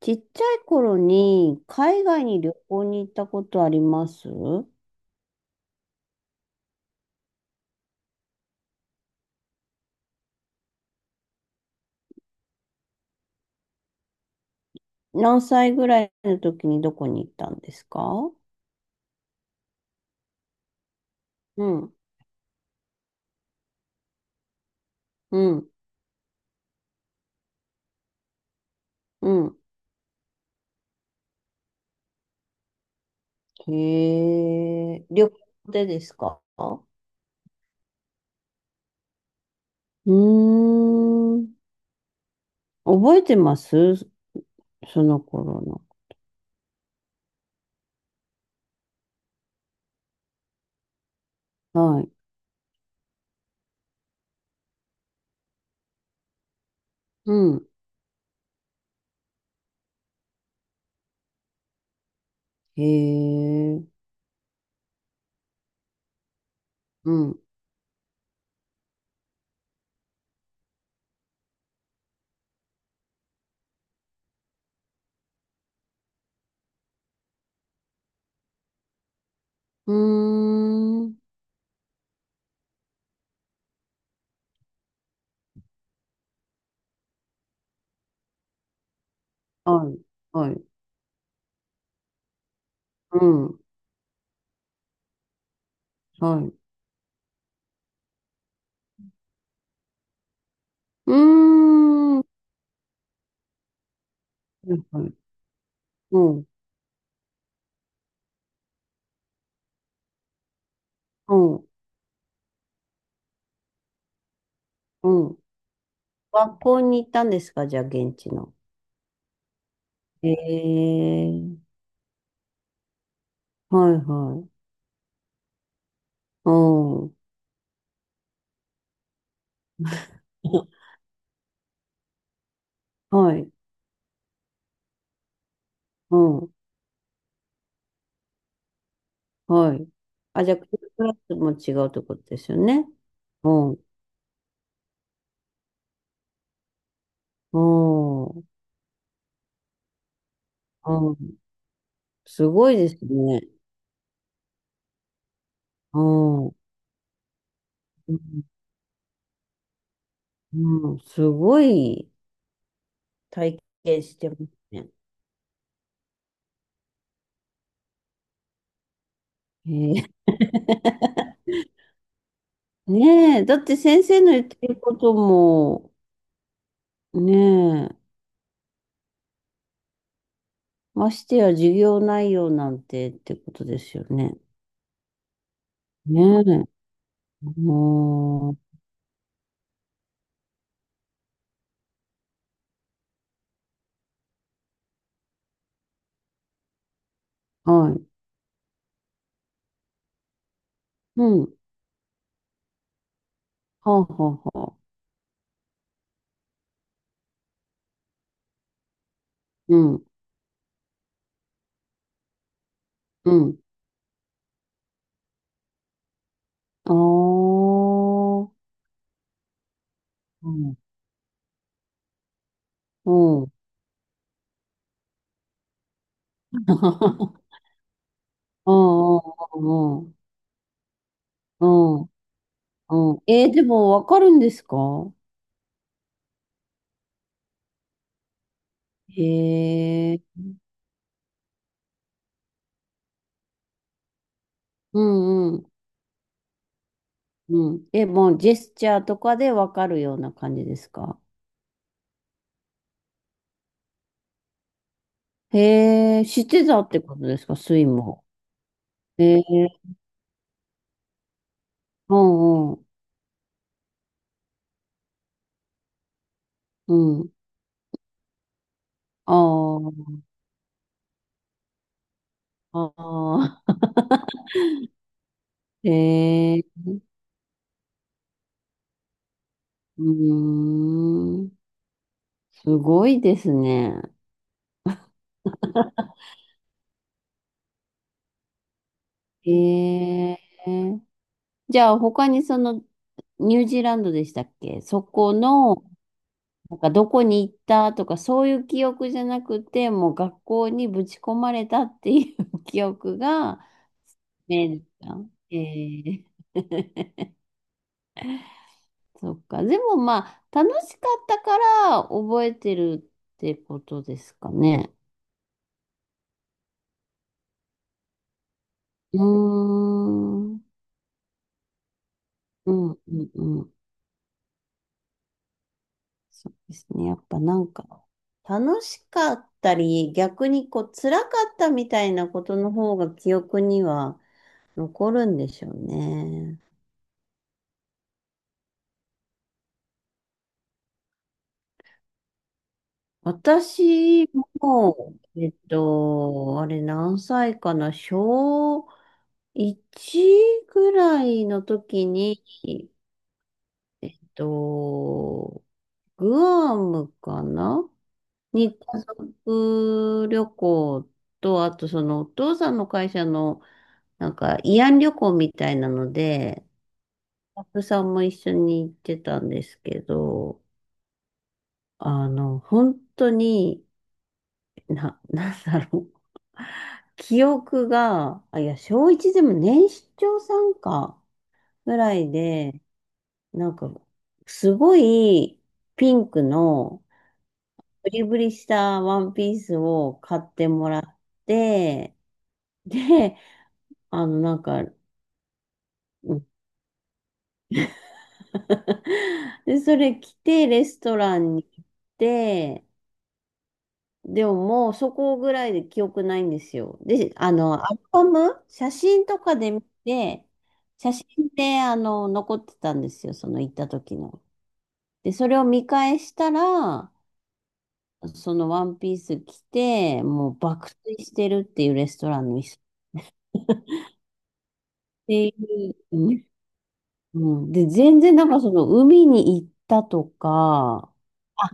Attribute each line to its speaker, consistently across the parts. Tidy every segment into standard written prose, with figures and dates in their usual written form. Speaker 1: ちっちゃい頃に海外に旅行に行ったことあります？何歳ぐらいの時にどこに行ったんですか？うん、うん、うん。へえ、旅行でですか？うーん。覚えてますその頃の？はい。うん。へえ、うん。うーん。はい、はい。うん、はい。うーん。はい、はい。うん、うん、うん。学校に行ったんですか？じゃあ、現地の。ええ。はいはい。うん。はい。うん。はい。あ、じゃあ、クラスも違うってことですよね？うん。うん。うん。すごいですね。うん。うん。うん、すごい体験してますね。ええ。ねえ、だって先生の言ってることも、ねえ、ましてや授業内容なんてってことですよね？ねえ、もう、はい。うん。はあ、はあ、はあ。うん、うん。ああ、うん、うん。うん、うん、うん。うん。えー、でも、わかるんですか？へえ、うん、うん、うん。え、もう、ジェスチャーとかでわかるような感じですか？へえ、知ってたってことですか？スイも。へえ、うん、うん、うん。ああ、ああ、へえ。うーん。すごいですね。へえ。じゃあ、他にその、ニュージーランドでしたっけ？そこの、なんかどこに行ったとか、そういう記憶じゃなくて、もう学校にぶち込まれたっていう 記憶がメインですか？ええ。そっか。でもまあ、楽しかったから覚えてるってことですかね？うーん。うん、うん、うん。そうですね。やっぱなんか、楽しかったり、逆にこう、辛かったみたいなことの方が記憶には残るんでしょうね。私も、あれ何歳かな、小1ぐらいの時に、えっと、グアムかなに家族旅行と、あとそのお父さんの会社のなんか慰安旅行みたいなので、スタッフさんも一緒に行ってたんですけど、本当に、なんだろう。記憶が、あ、いや、小1でも年長さんかぐらいで、なんか、すごいピンクのブリブリしたワンピースを買ってもらって、で、なんか、で、それ着て、レストランに行って、でももうそこぐらいで記憶ないんですよ。で、アルバム、写真とかで見て、写真で、残ってたんですよ、その行った時の。で、それを見返したら、そのワンピース着て、もう爆睡してるっていうレストランの椅子っていう、うん、うんで、全然なんかその海に行ったとか、あ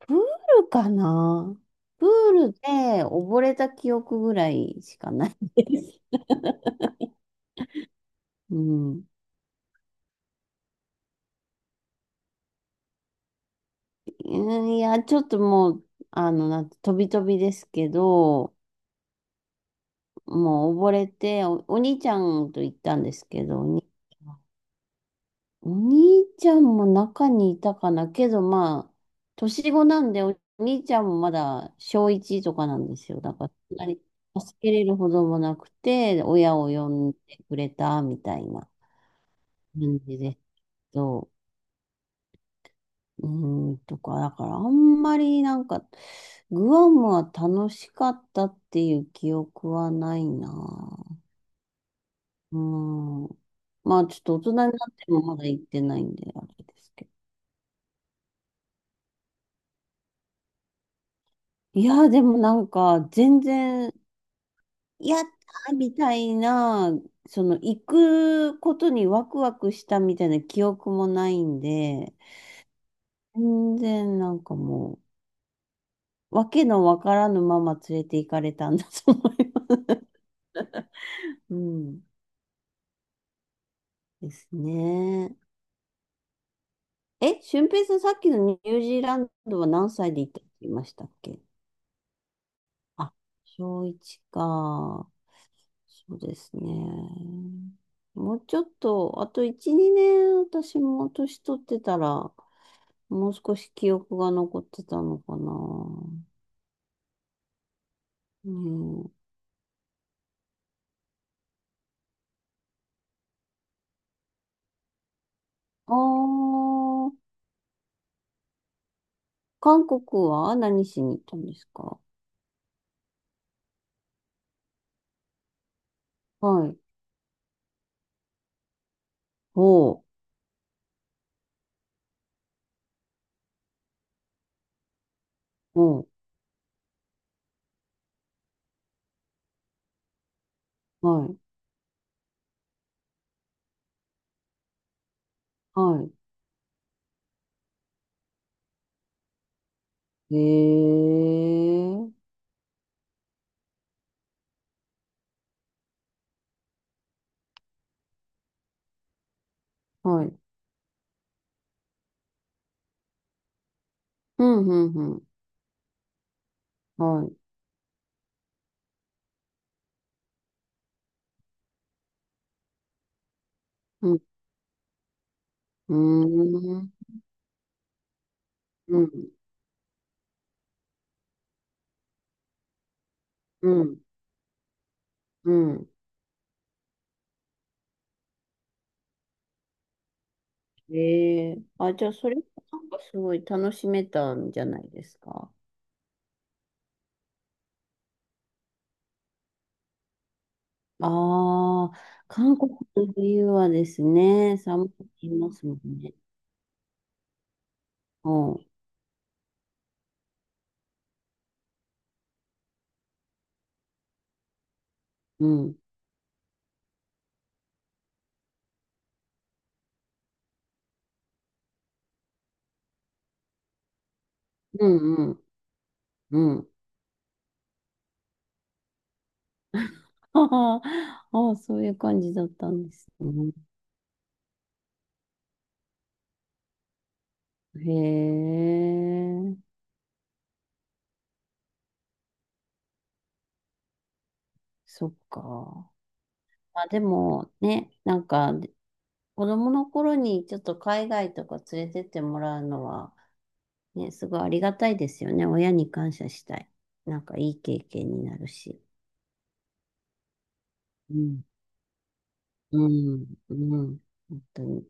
Speaker 1: プールかなプールで溺れた記憶ぐらいしかないです。うん。うんいや、ちょっともう、なんて、飛び飛びですけど、もう溺れて、お兄ちゃんと行ったんですけど、お兄ちゃんも中にいたかなけど、まあ、年子なんで、お兄ちゃんもまだ小1とかなんですよ。だから、そんなに助けれるほどもなくて、親を呼んでくれたみたいな感じで。そう、うーん、とか、だからあんまりなんか、グアムは楽しかったっていう記憶はないな。うん。まあちょっと大人になってもまだ行ってないんで、あれですけど。いや、でもなんか、全然、やったみたいな、行くことにワクワクしたみたいな記憶もないんで、全然なんかもう、わけのわからぬまま連れて行かれたんだと思います。うん。ですね。え、俊平さん、さっきのニュージーランドは何歳で行ったって言いましたっけ？あ、小1か。そうですね。もうちょっと、あと1、2年、私も年取ってたら、もう少し記憶が残ってたのかな。うん。あー、韓国は何しに行ったんですか？はい。おう、おう、はい、はい。えー、はい。うん、うん、うん。はい。うん、うーん、うん、うん、うん。ええ、あ、じゃあ、それ、なんかすごい楽しめたんじゃないですか？ああ、韓国の冬はですね、寒くなりますもんね。うん、うん、うん、うん。うん、ああ、ああ、そういう感じだったんですね。へえ、そっか。まあでもね、なんか子供の頃にちょっと海外とか連れてってもらうのは、ね、すごいありがたいですよね。親に感謝したい。なんかいい経験になるし。うん、うん、うん。本当に。